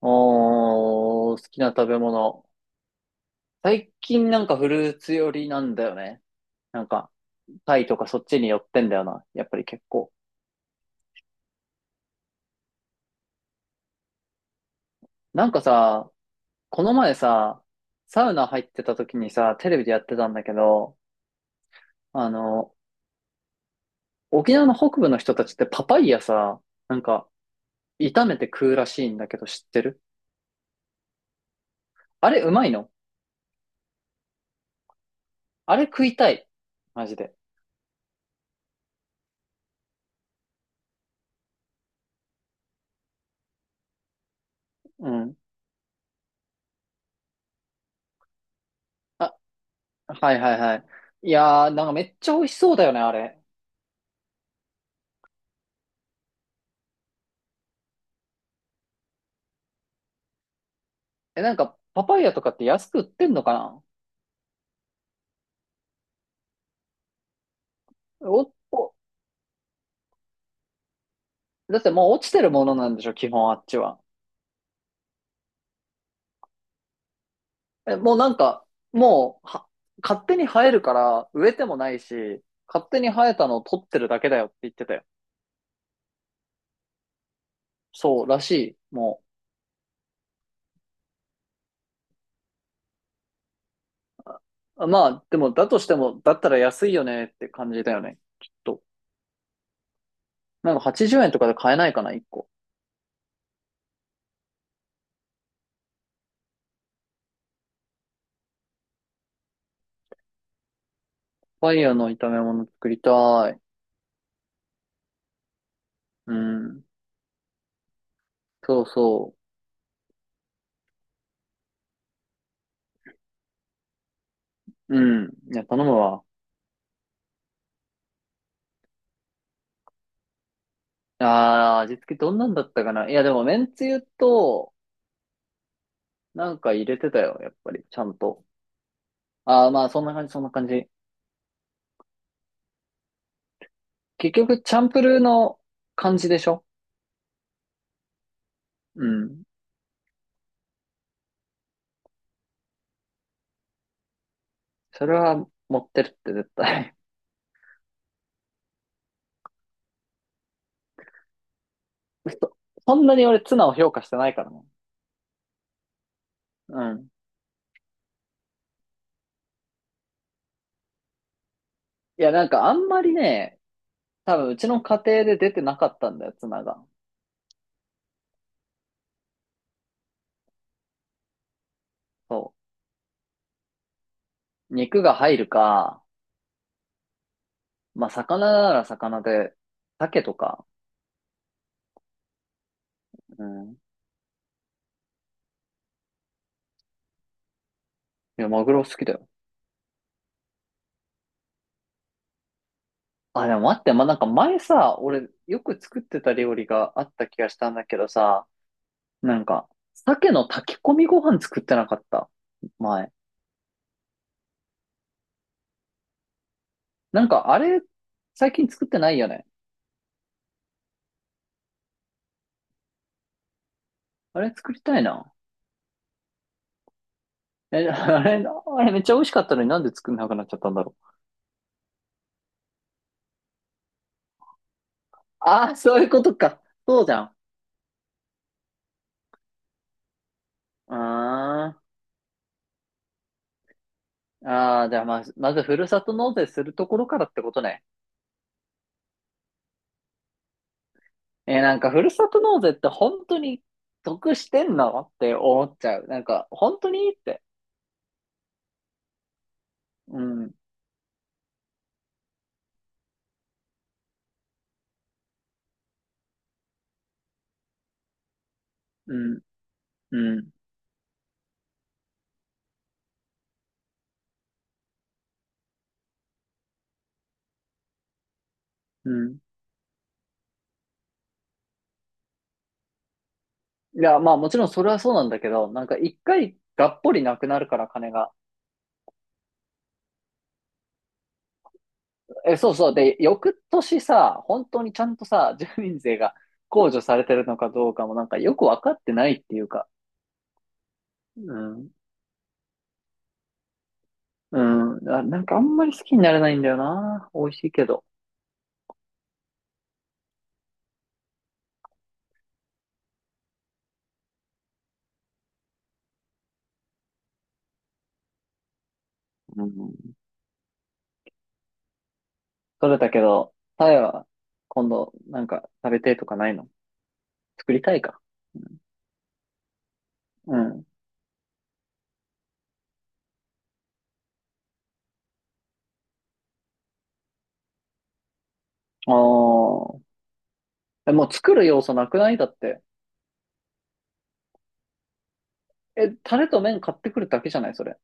おー、好きな食べ物。最近なんかフルーツ寄りなんだよね。なんか、タイとかそっちに寄ってんだよな。やっぱり結構。なんかさ、この前さ、サウナ入ってた時にさ、テレビでやってたんだけど、あの、沖縄の北部の人たちってパパイヤさ、なんか、炒めて食うらしいんだけど知ってる？あれうまいの？あれ食いたい。マジで。うん。あ、はいはいはい。いやー、なんかめっちゃ美味しそうだよね、あれ。え、なんか、パパイヤとかって安く売ってんのかな？お、お、だってもう落ちてるものなんでしょ、基本あっちは。え、もうなんか、もう、は、勝手に生えるから、植えてもないし、勝手に生えたのを取ってるだけだよって言ってたよ。そう、らしい、もう。あまあ、でも、だとしても、だったら安いよねって感じだよね、きっと。なんか80円とかで買えないかな、1個。パパイヤの炒め物作りたい。うん。そうそう。うん。いや、頼むわ。ああ、味付けどんなんだったかな。いや、でも、めんつゆと、なんか入れてたよ、やっぱり、ちゃんと。ああ、まあ、そんな感じ、そんな感じ。結局、チャンプルーの感じでしょ？うん。それは持ってるって絶対。そ、そんなに俺、ツナを評価してないからね。うん。いや、なんか、あんまりね、多分、うちの家庭で出てなかったんだよ、ツナが。そう。肉が入るか、まあ、魚なら魚で、鮭とか、うん。いや、マグロ好きだよ。あ、でも待って、ま、なんか前さ、俺よく作ってた料理があった気がしたんだけどさ、なんか、鮭の炊き込みご飯作ってなかった、前。なんかあれ、最近作ってないよね。あれ作りたいな。え、あれ、あれめっちゃ美味しかったのになんで作んなくなっちゃったんだろう。ああ、そういうことか。そうじゃん。あーあー、じゃあまず、まずふるさと納税するところからってことね。なんかふるさと納税って本当に得してんのって思っちゃう。なんか、本当にって。うん、うん、うん、うん。いや、まあもちろんそれはそうなんだけど、なんか一回がっぽりなくなるから金が。え、そうそう。で、翌年さ、本当にちゃんとさ、住民税が控除されてるのかどうかもなんかよくわかってないっていうか。うん。うん。なんかあんまり好きになれないんだよな。美味しいけど。うん。それだけど、タイは今度なんか食べてとかないの？作りたいか。うん。ああ。え、もう作る要素なくないだって。え、タレと麺買ってくるだけじゃないそれ。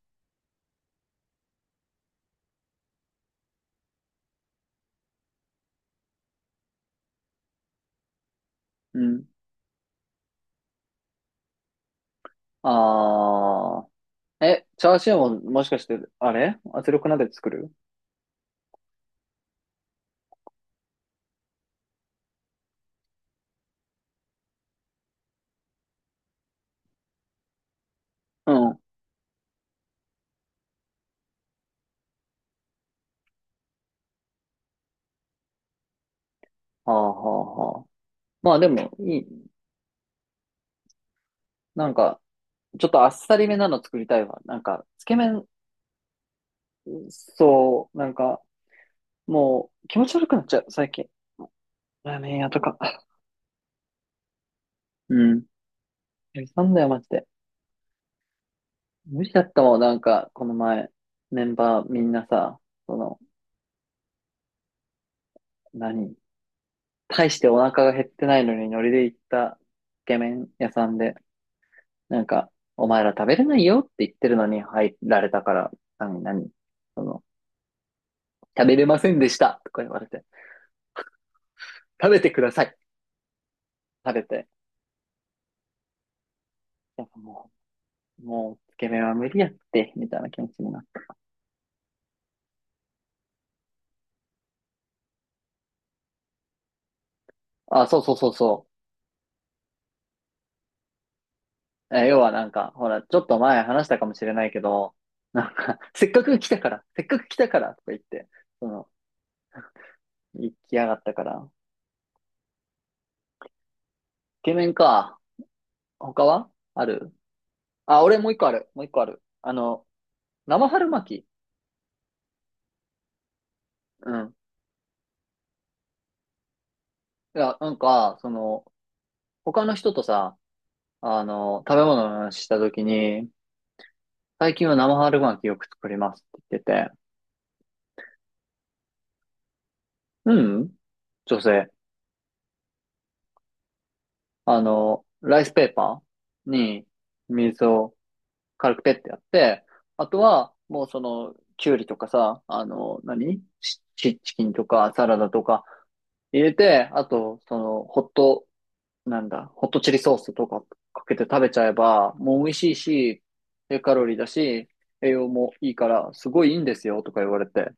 うん。あー。え、チャーシューももしかして、あれ圧力鍋で作る？うん。はあはあはあ。まあでも、いい。なんか、ちょっとあっさりめなの作りたいわ。なんか、つけ麺、そう、なんか、もう気持ち悪くなっちゃう、最近。ラーメン屋とか。うん。なんだよ、マジで。無理だったもん、なんか、この前、メンバーみんなさ、その、何？大してお腹が減ってないのにノリで行ったつけ麺屋さんで、なんか、お前ら食べれないよって言ってるのに入られたから、何、何、その、食べれませんでしたとか言われて、食べてください、食べて、やっぱもう、もう、つけ麺は無理やって、みたいな気持ちになった。あ、そうそうそうそう。え、要はなんか、ほら、ちょっと前話したかもしれないけど、なんか、せっかく来たから、せっかく来たからとか言って、その、行きやがったから、つけ麺か、他はある？あ、俺もう一個ある。もう一個ある。生春巻き。うん。いや、なんか、その、他の人とさ、あの、食べ物の話したときに、最近は生春巻きよく作りますって言ってて、うん、女性、ライスペーパーに水を軽くペッてやって、あとは、もうその、きゅうりとかさ、あの、何？チチキンとかサラダとか入れて、あと、その、ホットなんだ、ホットチリソースとかかけて食べちゃえば、もう美味しいし、低カロリーだし、栄養もいいから、すごいいいんですよ、とか言われて。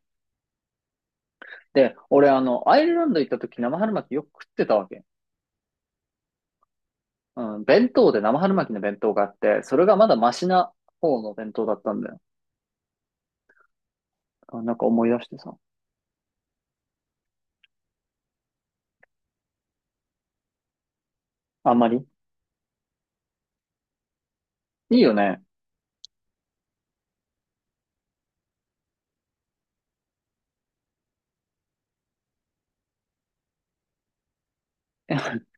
で、俺、あの、アイルランド行った時、生春巻きよく食ってたわけ。うん、弁当で生春巻きの弁当があって、それがまだマシな方の弁当だったんだよ。あなんか思い出してさ。あんまり。いいよね。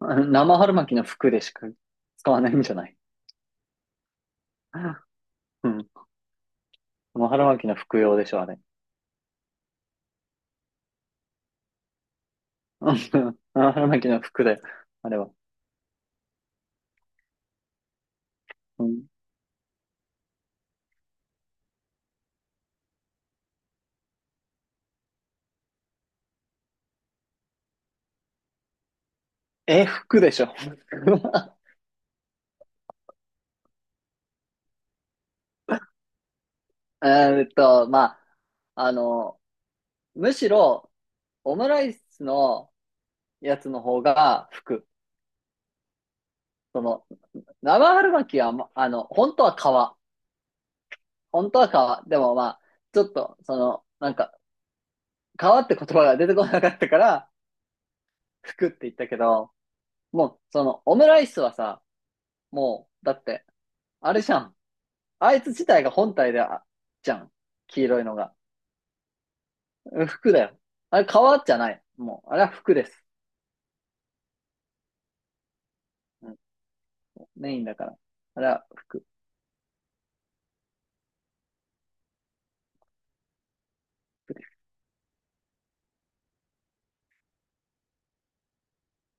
生春巻きの服でしか使わないんじゃない？ うん。生春巻きの服用でしょ、あれ。うん、生春巻きの服で、あれは。うん。え、服でしょう？ ーんと、まあ、むしろ、オムライスのやつの方が服。その、生春巻きは、まあの、本当は皮。本当は皮。でもまあ、ちょっと、その、なんか、皮って言葉が出てこなかったから、服って言ったけど、もう、その、オムライスはさ、もう、だって、あれじゃん。あいつ自体が本体であ、じゃん。黄色いのが。うん服だよ。あれ、皮じゃない。もう、あれは服です。なんかメインだから。あら、